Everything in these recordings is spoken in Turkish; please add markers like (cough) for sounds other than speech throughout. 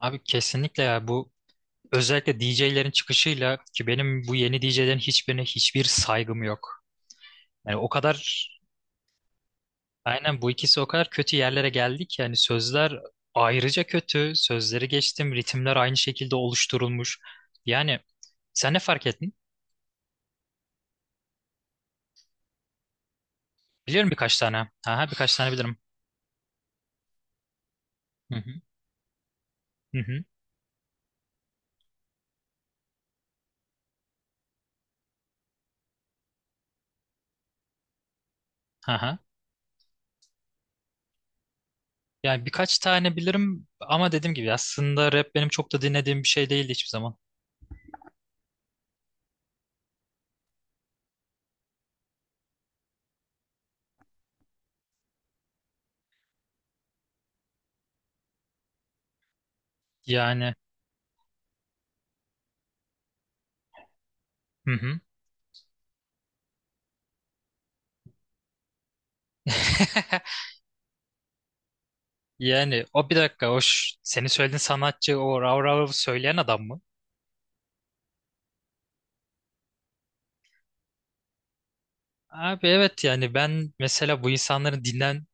Abi kesinlikle ya bu özellikle DJ'lerin çıkışıyla ki benim bu yeni DJ'lerin hiçbirine hiçbir saygım yok. Yani o kadar aynen bu ikisi o kadar kötü yerlere geldi ki yani sözler ayrıca kötü. Sözleri geçtim. Ritimler aynı şekilde oluşturulmuş. Yani sen ne fark ettin? Biliyorum birkaç tane. Aha, birkaç tane bilirim. Hı hı. Hı hı. Aha. Yani birkaç tane bilirim ama dediğim gibi aslında rap benim çok da dinlediğim bir şey değildi hiçbir zaman. Yani hı hı. (laughs) Yani o bir dakika o senin söylediğin sanatçı o rav rav söyleyen adam mı? Abi evet yani ben mesela bu insanların dinlen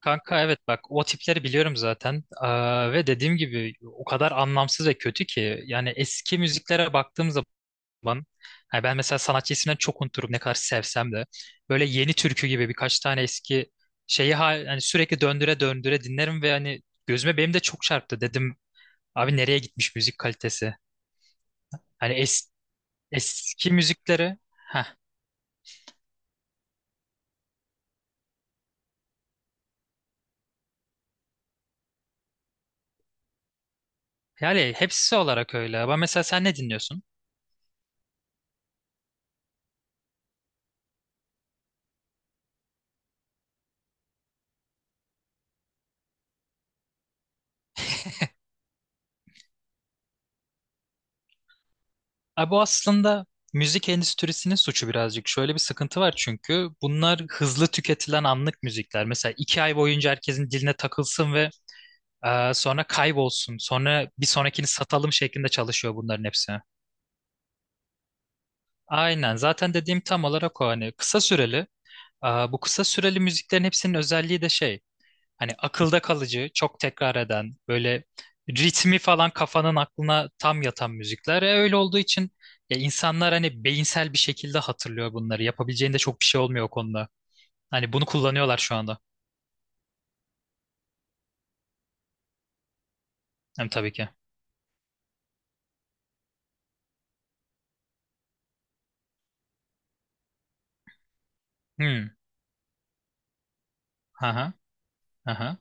kanka evet bak o tipleri biliyorum zaten. Aa, ve dediğim gibi o kadar anlamsız ve kötü ki yani eski müziklere baktığım zaman yani ben mesela sanatçı isimlerini çok unuturum ne kadar sevsem de böyle yeni türkü gibi birkaç tane eski şeyi hani sürekli döndüre döndüre dinlerim ve hani gözüme benim de çok çarptı dedim abi nereye gitmiş müzik kalitesi? Hani eski müzikleri heh, Yani hepsi olarak öyle ama mesela sen ne dinliyorsun? Abi bu aslında müzik endüstrisinin suçu birazcık. Şöyle bir sıkıntı var çünkü bunlar hızlı tüketilen anlık müzikler. Mesela 2 ay boyunca herkesin diline takılsın ve sonra kaybolsun. Sonra bir sonrakini satalım şeklinde çalışıyor bunların hepsi. Aynen zaten dediğim tam olarak o hani kısa süreli. Bu kısa süreli müziklerin hepsinin özelliği de şey. Hani akılda kalıcı, çok tekrar eden, böyle ritmi falan kafanın aklına tam yatan müzikler. Öyle olduğu için ya insanlar hani beyinsel bir şekilde hatırlıyor bunları. Yapabileceğinde çok bir şey olmuyor o konuda. Hani bunu kullanıyorlar şu anda. Hem tabii ki. Hmm. Aha. Aha.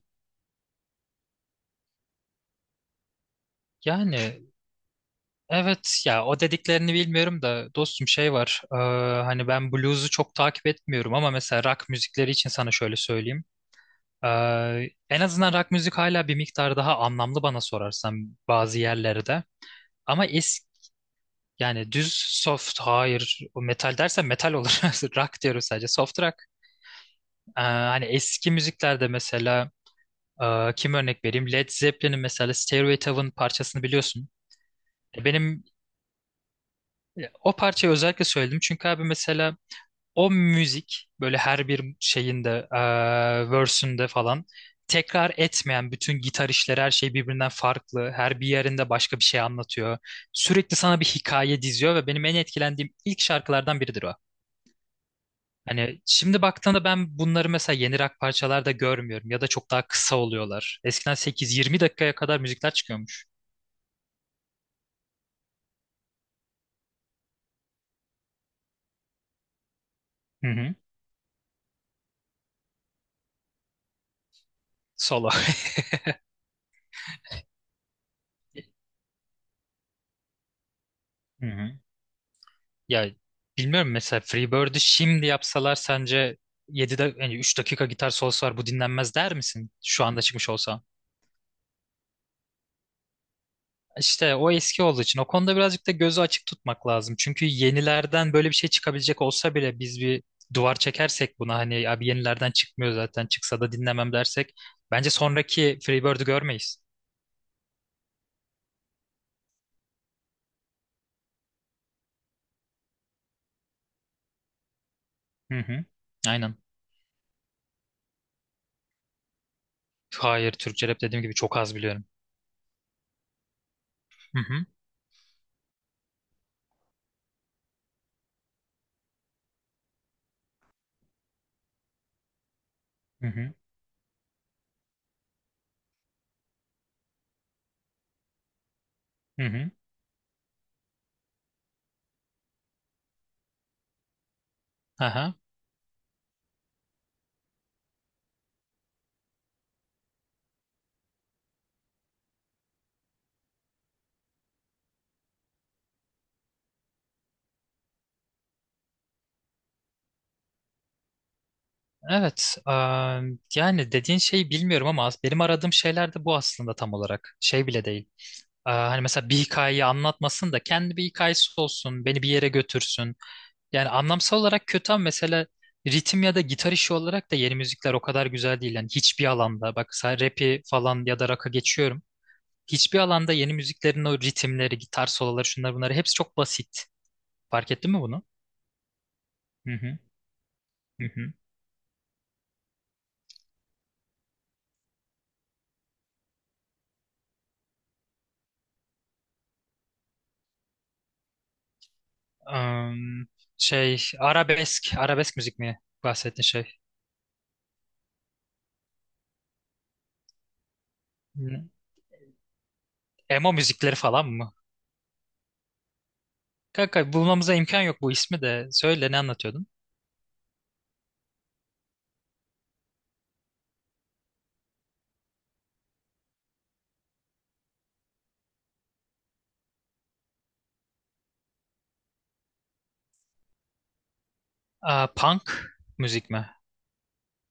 Yani evet ya o dediklerini bilmiyorum da dostum şey var. Hani ben blues'u çok takip etmiyorum ama mesela rock müzikleri için sana şöyle söyleyeyim. En azından rock müzik hala bir miktar daha anlamlı bana sorarsan bazı yerlerde. Ama eski yani düz soft hayır o metal dersen metal olur. (laughs) Rock diyoruz sadece soft rock. Hani eski müziklerde mesela kim örnek vereyim? Led Zeppelin'in mesela Stairway to Heaven parçasını biliyorsun. Benim o parçayı özellikle söyledim çünkü abi mesela o müzik böyle her bir şeyinde, verse'ünde falan tekrar etmeyen bütün gitar işleri her şey birbirinden farklı. Her bir yerinde başka bir şey anlatıyor. Sürekli sana bir hikaye diziyor ve benim en etkilendiğim ilk şarkılardan biridir o. Hani şimdi baktığında ben bunları mesela yeni rock parçalarda görmüyorum ya da çok daha kısa oluyorlar. Eskiden 8-20 dakikaya kadar müzikler çıkıyormuş. Hı hı. Solo. Hı hı. Ya bilmiyorum mesela Freebird'ü şimdi yapsalar sence 7'de yani 3 dakika gitar solosu var bu dinlenmez der misin şu anda çıkmış olsa? İşte o eski olduğu için o konuda birazcık da gözü açık tutmak lazım. Çünkü yenilerden böyle bir şey çıkabilecek olsa bile biz bir duvar çekersek buna hani abi yenilerden çıkmıyor zaten çıksa da dinlemem dersek bence sonraki Freebird'ü görmeyiz. Hı hı. Aynen. Hayır, Türkçe rap dediğim gibi çok az biliyorum. Hı hı. Hı hı. Hı hı. Aha. Evet, yani dediğin şeyi bilmiyorum ama benim aradığım şeyler de bu aslında tam olarak. Şey bile değil. Hani mesela bir hikayeyi anlatmasın da kendi bir hikayesi olsun, beni bir yere götürsün. Yani anlamsal olarak kötü ama mesela ritim ya da gitar işi olarak da yeni müzikler o kadar güzel değil. Yani hiçbir alanda, bak sen rap'i falan ya da rock'a geçiyorum. Hiçbir alanda yeni müziklerin o ritimleri, gitar soloları, şunlar bunları hepsi çok basit. Fark ettin mi bunu? Hı hı. Hı hı. Am, şey arabesk, arabesk müzik mi bahsettin şey? Ne? Emo müzikleri falan mı? Kanka bulmamıza imkan yok bu ismi de. Söyle ne anlatıyordun? Aa, punk müzik mi?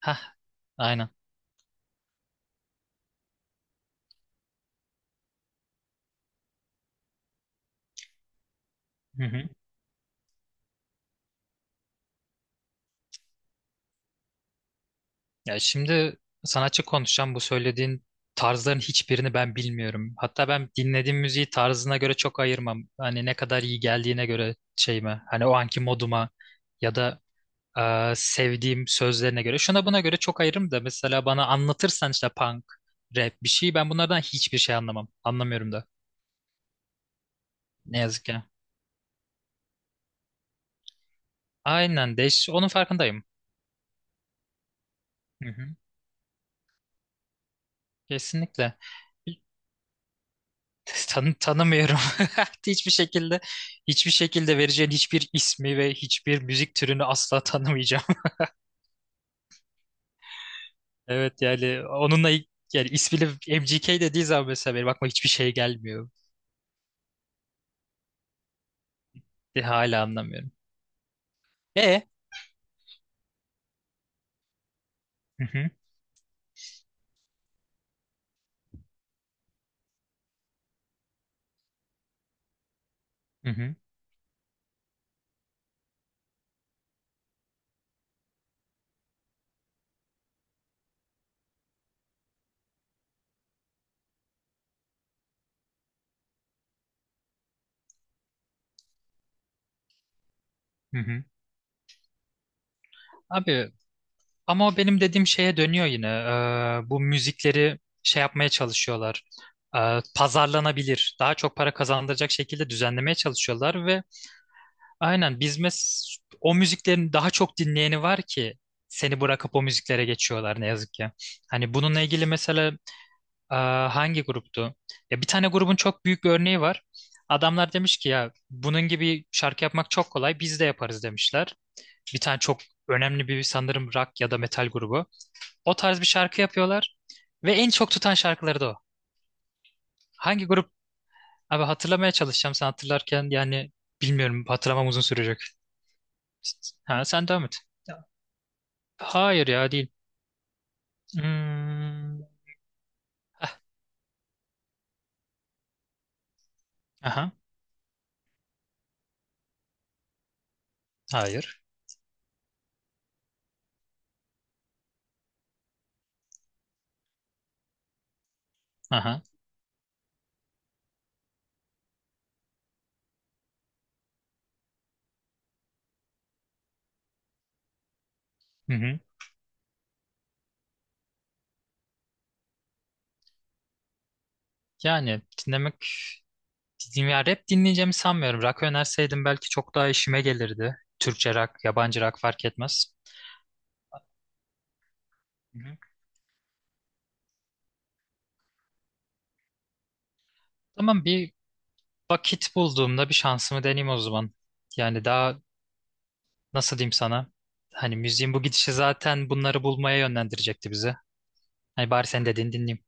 Hah, aynen. Hı hı. Ya şimdi sanatçı konuşacağım, bu söylediğin tarzların hiçbirini ben bilmiyorum. Hatta ben dinlediğim müziği tarzına göre çok ayırmam. Hani ne kadar iyi geldiğine göre şeyime, hani o anki moduma ya da sevdiğim sözlerine göre. Şuna buna göre çok ayırırım da mesela bana anlatırsan işte punk, rap bir şey ben bunlardan hiçbir şey anlamam. Anlamıyorum da. Ne yazık ki. Aynen değiş, onun farkındayım. Hı hı. Kesinlikle. Tanımıyorum. (laughs) Hiçbir şekilde hiçbir şekilde vereceğin hiçbir ismi ve hiçbir müzik türünü asla tanımayacağım. (laughs) Evet yani onunla yani ismini MGK dediği zaman mesela benim aklıma hiçbir şey gelmiyor. Hala anlamıyorum. E. Hı hı. Hı hı. Hı hı. Abi ama o benim dediğim şeye dönüyor yine. Bu müzikleri şey yapmaya çalışıyorlar. Pazarlanabilir, daha çok para kazandıracak şekilde düzenlemeye çalışıyorlar ve aynen biz mes o müziklerin daha çok dinleyeni var ki seni bırakıp o müziklere geçiyorlar ne yazık ki. Hani bununla ilgili mesela e, hangi gruptu? Ya bir tane grubun çok büyük bir örneği var. Adamlar demiş ki ya bunun gibi şarkı yapmak çok kolay, biz de yaparız demişler. Bir tane çok önemli bir sanırım rock ya da metal grubu. O tarz bir şarkı yapıyorlar ve en çok tutan şarkıları da o. Hangi grup? Abi hatırlamaya çalışacağım sen hatırlarken yani bilmiyorum, hatırlamam uzun sürecek. Ha, sen devam et. Hayır ya değil. Hmm. Aha. Hayır. Aha. Hı hı. Yani dinlemek ya rap dinleyeceğimi sanmıyorum. Rock önerseydim belki çok daha işime gelirdi. Türkçe rock, yabancı rock fark etmez. Hı hı. Tamam bir vakit bulduğumda bir şansımı deneyeyim o zaman. Yani daha nasıl diyeyim sana? Hani müziğin bu gidişi zaten bunları bulmaya yönlendirecekti bizi. Hani bari sen dediğini dinleyeyim.